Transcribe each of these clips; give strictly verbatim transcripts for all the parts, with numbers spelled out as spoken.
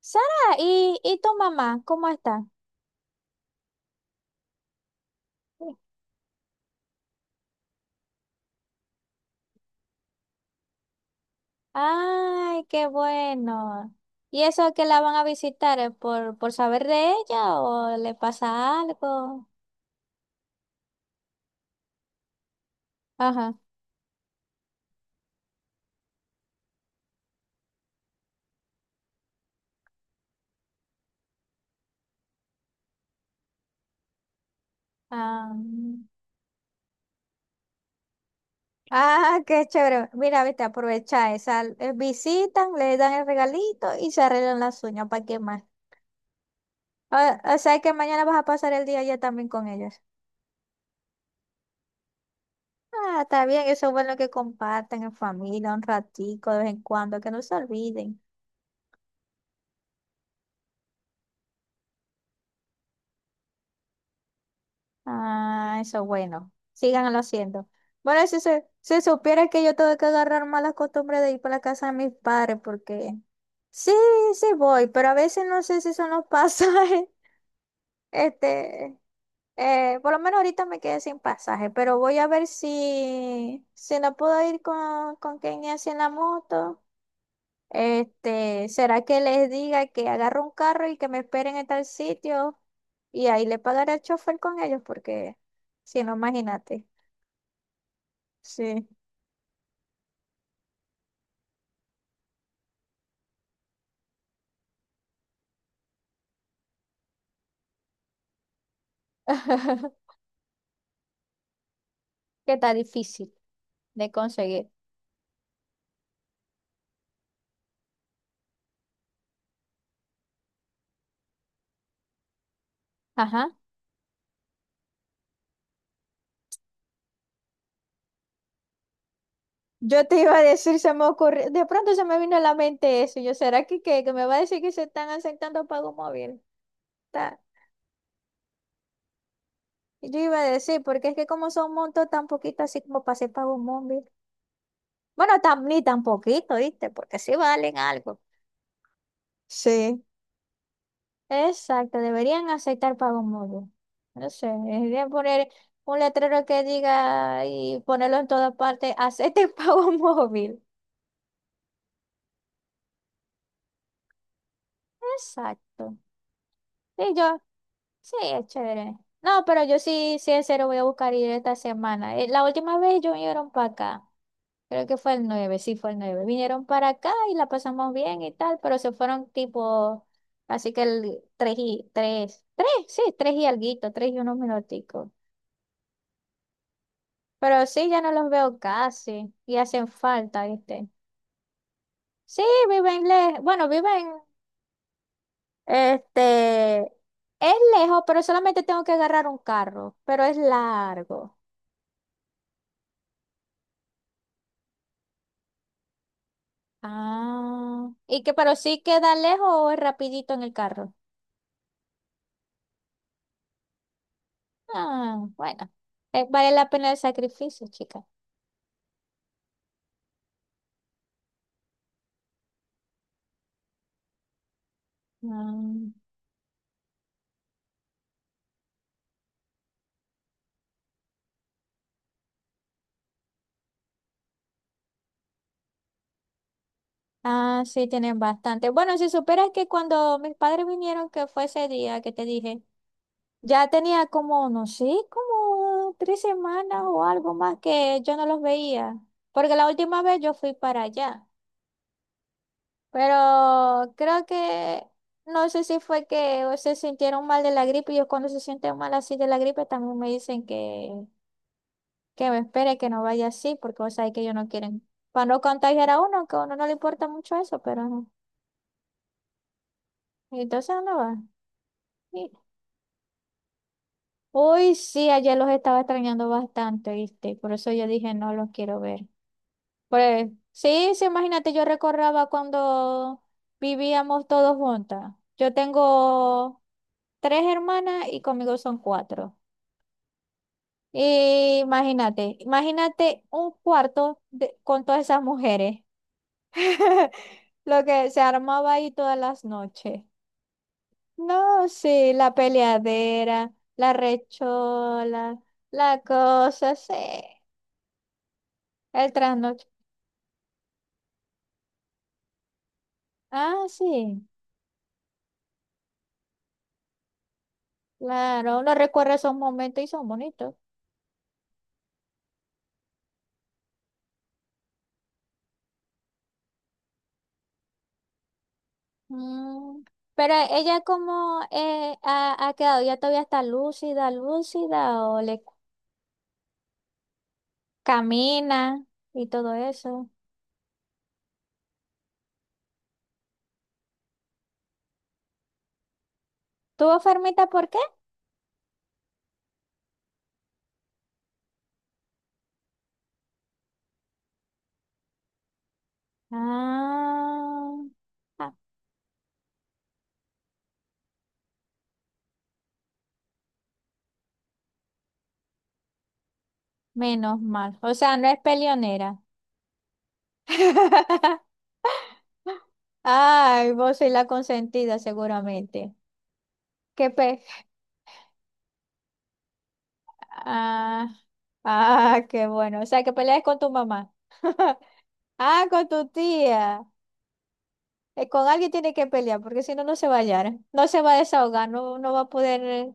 Sara, ¿y, y tu mamá? ¿Cómo está? Ay, qué bueno. ¿Y eso que la van a visitar eh, por, por saber de ella o le pasa algo? Ajá. Ah, mm. Ah, qué chévere. Mira, viste, aprovecha esa. eh, Visitan, le dan el regalito y se arreglan las uñas. ¿Para qué más? O, o sea que mañana vas a pasar el día allá también con ellos. Ah, está bien, eso es bueno que compartan en familia un ratico de vez en cuando, que no se olviden. Ah, eso bueno. Síganlo haciendo. Bueno, si se, si supiera que yo tengo que agarrar malas costumbres de ir para la casa de mis padres, porque sí, sí voy, pero a veces no sé si son los pasajes. Este, eh, por lo menos ahorita me quedé sin pasaje, pero voy a ver si, si no puedo ir con, con Kenny así en la moto. Este, ¿será que les diga que agarro un carro y que me esperen en tal sitio? Y ahí le pagaré al chofer con ellos, porque si no, imagínate. Sí. Que está difícil de conseguir. Ajá. Yo te iba a decir, se me ocurrió, de pronto se me vino a la mente eso. Yo, ¿será que, qué? ¿Que me va a decir que se están aceptando pago móvil? Ta- Yo iba a decir, porque es que como son montos tan poquitos, así como para hacer pago móvil. Bueno, tam- ni tan poquito, ¿viste? Porque sí valen algo. Sí. Exacto, deberían aceptar pago móvil. No sé, deberían poner un letrero que diga y ponerlo en todas partes, acepten pago móvil. Exacto. Sí, yo, sí, es chévere. No, pero yo sí, sí, en serio voy a buscar ir esta semana. Eh, La última vez ellos vinieron para acá. Creo que fue el nueve, sí, fue el nueve. Vinieron para acá y la pasamos bien y tal, pero se fueron tipo, así que el tres y tres tres, sí, tres y alguito, tres y unos minuticos. Pero sí, ya no los veo casi y hacen falta, ¿viste? Sí, viven lejos. Bueno, viven. Este, es lejos, pero solamente tengo que agarrar un carro, pero es largo. Ah, y que pero sí queda lejos o es rapidito en el carro. Ah, bueno, eh, vale la pena el sacrificio, chica. Mm. Ah, sí, tienen bastante. Bueno, si supieras que cuando mis padres vinieron, que fue ese día que te dije, ya tenía como, no sé, como tres semanas o algo más que yo no los veía, porque la última vez yo fui para allá. Pero creo que, no sé si fue que se sintieron mal de la gripe, y yo cuando se sienten mal así de la gripe también me dicen que, que me espere, que no vaya así, porque vos sabés que ellos no quieren, para no contagiar a uno, que a uno no le importa mucho eso, pero no. Entonces no va. Y- Uy, sí, ayer los estaba extrañando bastante, ¿viste? Por eso yo dije, no los quiero ver. Pues, sí, sí, imagínate, yo recordaba cuando vivíamos todos juntas. Yo tengo tres hermanas y conmigo son cuatro. Y imagínate, imagínate un cuarto de- con todas esas mujeres. Lo que se armaba ahí todas las noches. No, sí, la peleadera, la rechola, la cosa, sí, el trasnoche. Ah, sí, claro, uno recuerda esos momentos y son bonitos. Mm, pero ella como eh, ha, ha quedado, ya todavía está lúcida, lúcida o le camina y todo eso. ¿Tuvo fermita por qué? Ah, ah, menos mal. O sea, no es peleonera. Ay, vos sois la consentida seguramente. Qué pe... Ah, ah, qué bueno. O sea, que peleas con tu mamá. Ah, con tu tía. Eh, con alguien tiene que pelear, porque si no, no se va a hallar, no se va a desahogar, no, no va a poder eh,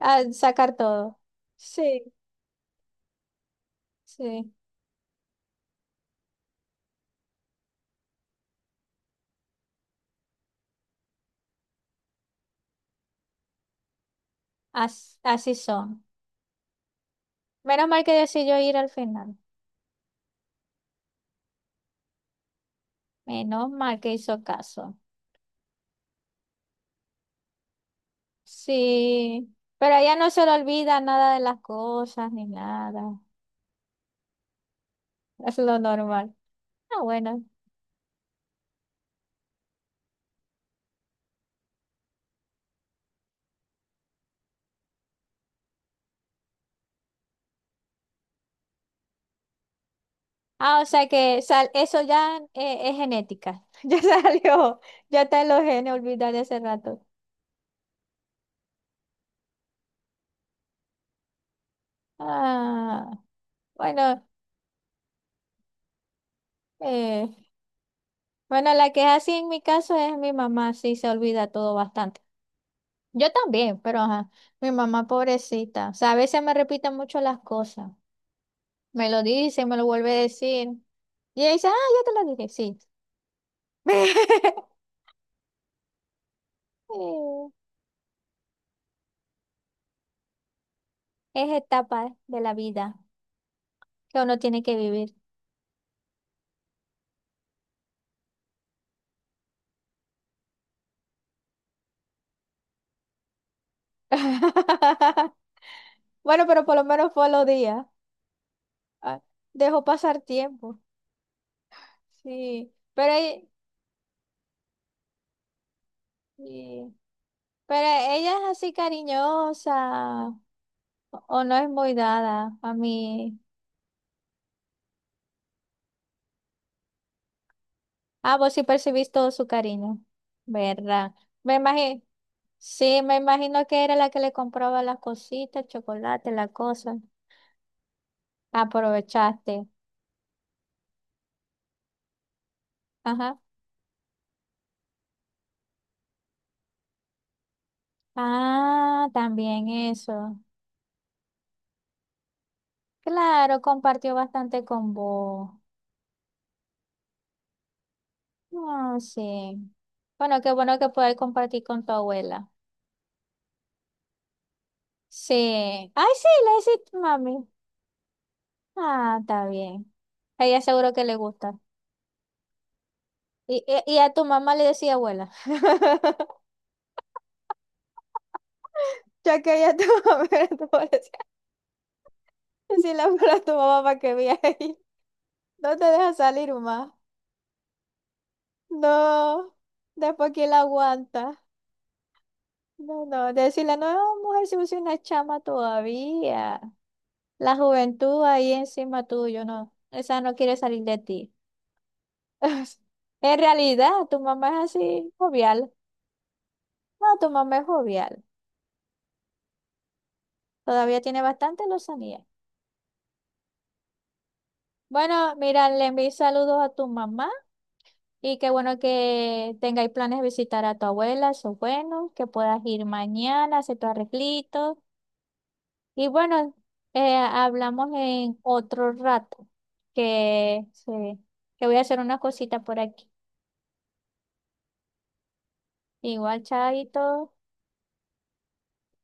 ah, sacar todo. Sí, sí, as- así son. Menos mal que decidió ir al final, menos mal que hizo caso. Sí, pero a ella no se le olvida nada de las cosas ni nada, es lo normal. Ah, bueno. Ah, o sea que sal- eso ya eh, es genética, ya salió, ya está en los genes, olvidar de hace rato. Ah, bueno. Eh, Bueno, la que es así en mi caso es mi mamá, sí se olvida todo bastante. Yo también, pero ajá, mi mamá pobrecita. O sea, a veces me repite mucho las cosas. Me lo dice, me lo vuelve a decir. Y ella dice, ah, ya te lo dije, sí. Eh, Es etapa de la vida que uno tiene que vivir. Bueno, pero por lo menos fue los días. Ah, dejó pasar tiempo. Sí, pero, e- sí, pero ella es así cariñosa. O no es muy dada a mí. Ah, vos sí percibís todo su cariño, ¿verdad? Me imagino, sí, me imagino que era la que le compraba las cositas, chocolate, la cosa. Aprovechaste. Ajá. Ah, también eso. Claro, compartió bastante con vos. Ah, sí. Bueno, qué bueno que puedes compartir con tu abuela. Sí. Ay, sí, le hiciste, mami. Ah, está bien. A ella seguro que le gusta. Y, y, y a tu mamá le decía abuela. Ya quería tu mamá, pero tu mamá le decía, si la fuera tu mamá para que viera ahí. No te deja salir más. No. Después quién la aguanta. No, no. Decirle, no, mujer, si vos sos una chama todavía. La juventud ahí encima tuyo, no. Esa no quiere salir de ti. En realidad, tu mamá es así, jovial. No, tu mamá es jovial. Todavía tiene bastante lozanía. Bueno, mira, le envío saludos a tu mamá. Y qué bueno que tengáis planes de visitar a tu abuela, eso es bueno, que puedas ir mañana, hacer tu arreglito. Y bueno, eh, hablamos en otro rato, que, sí, que voy a hacer unas cositas por aquí. Igual, chaito.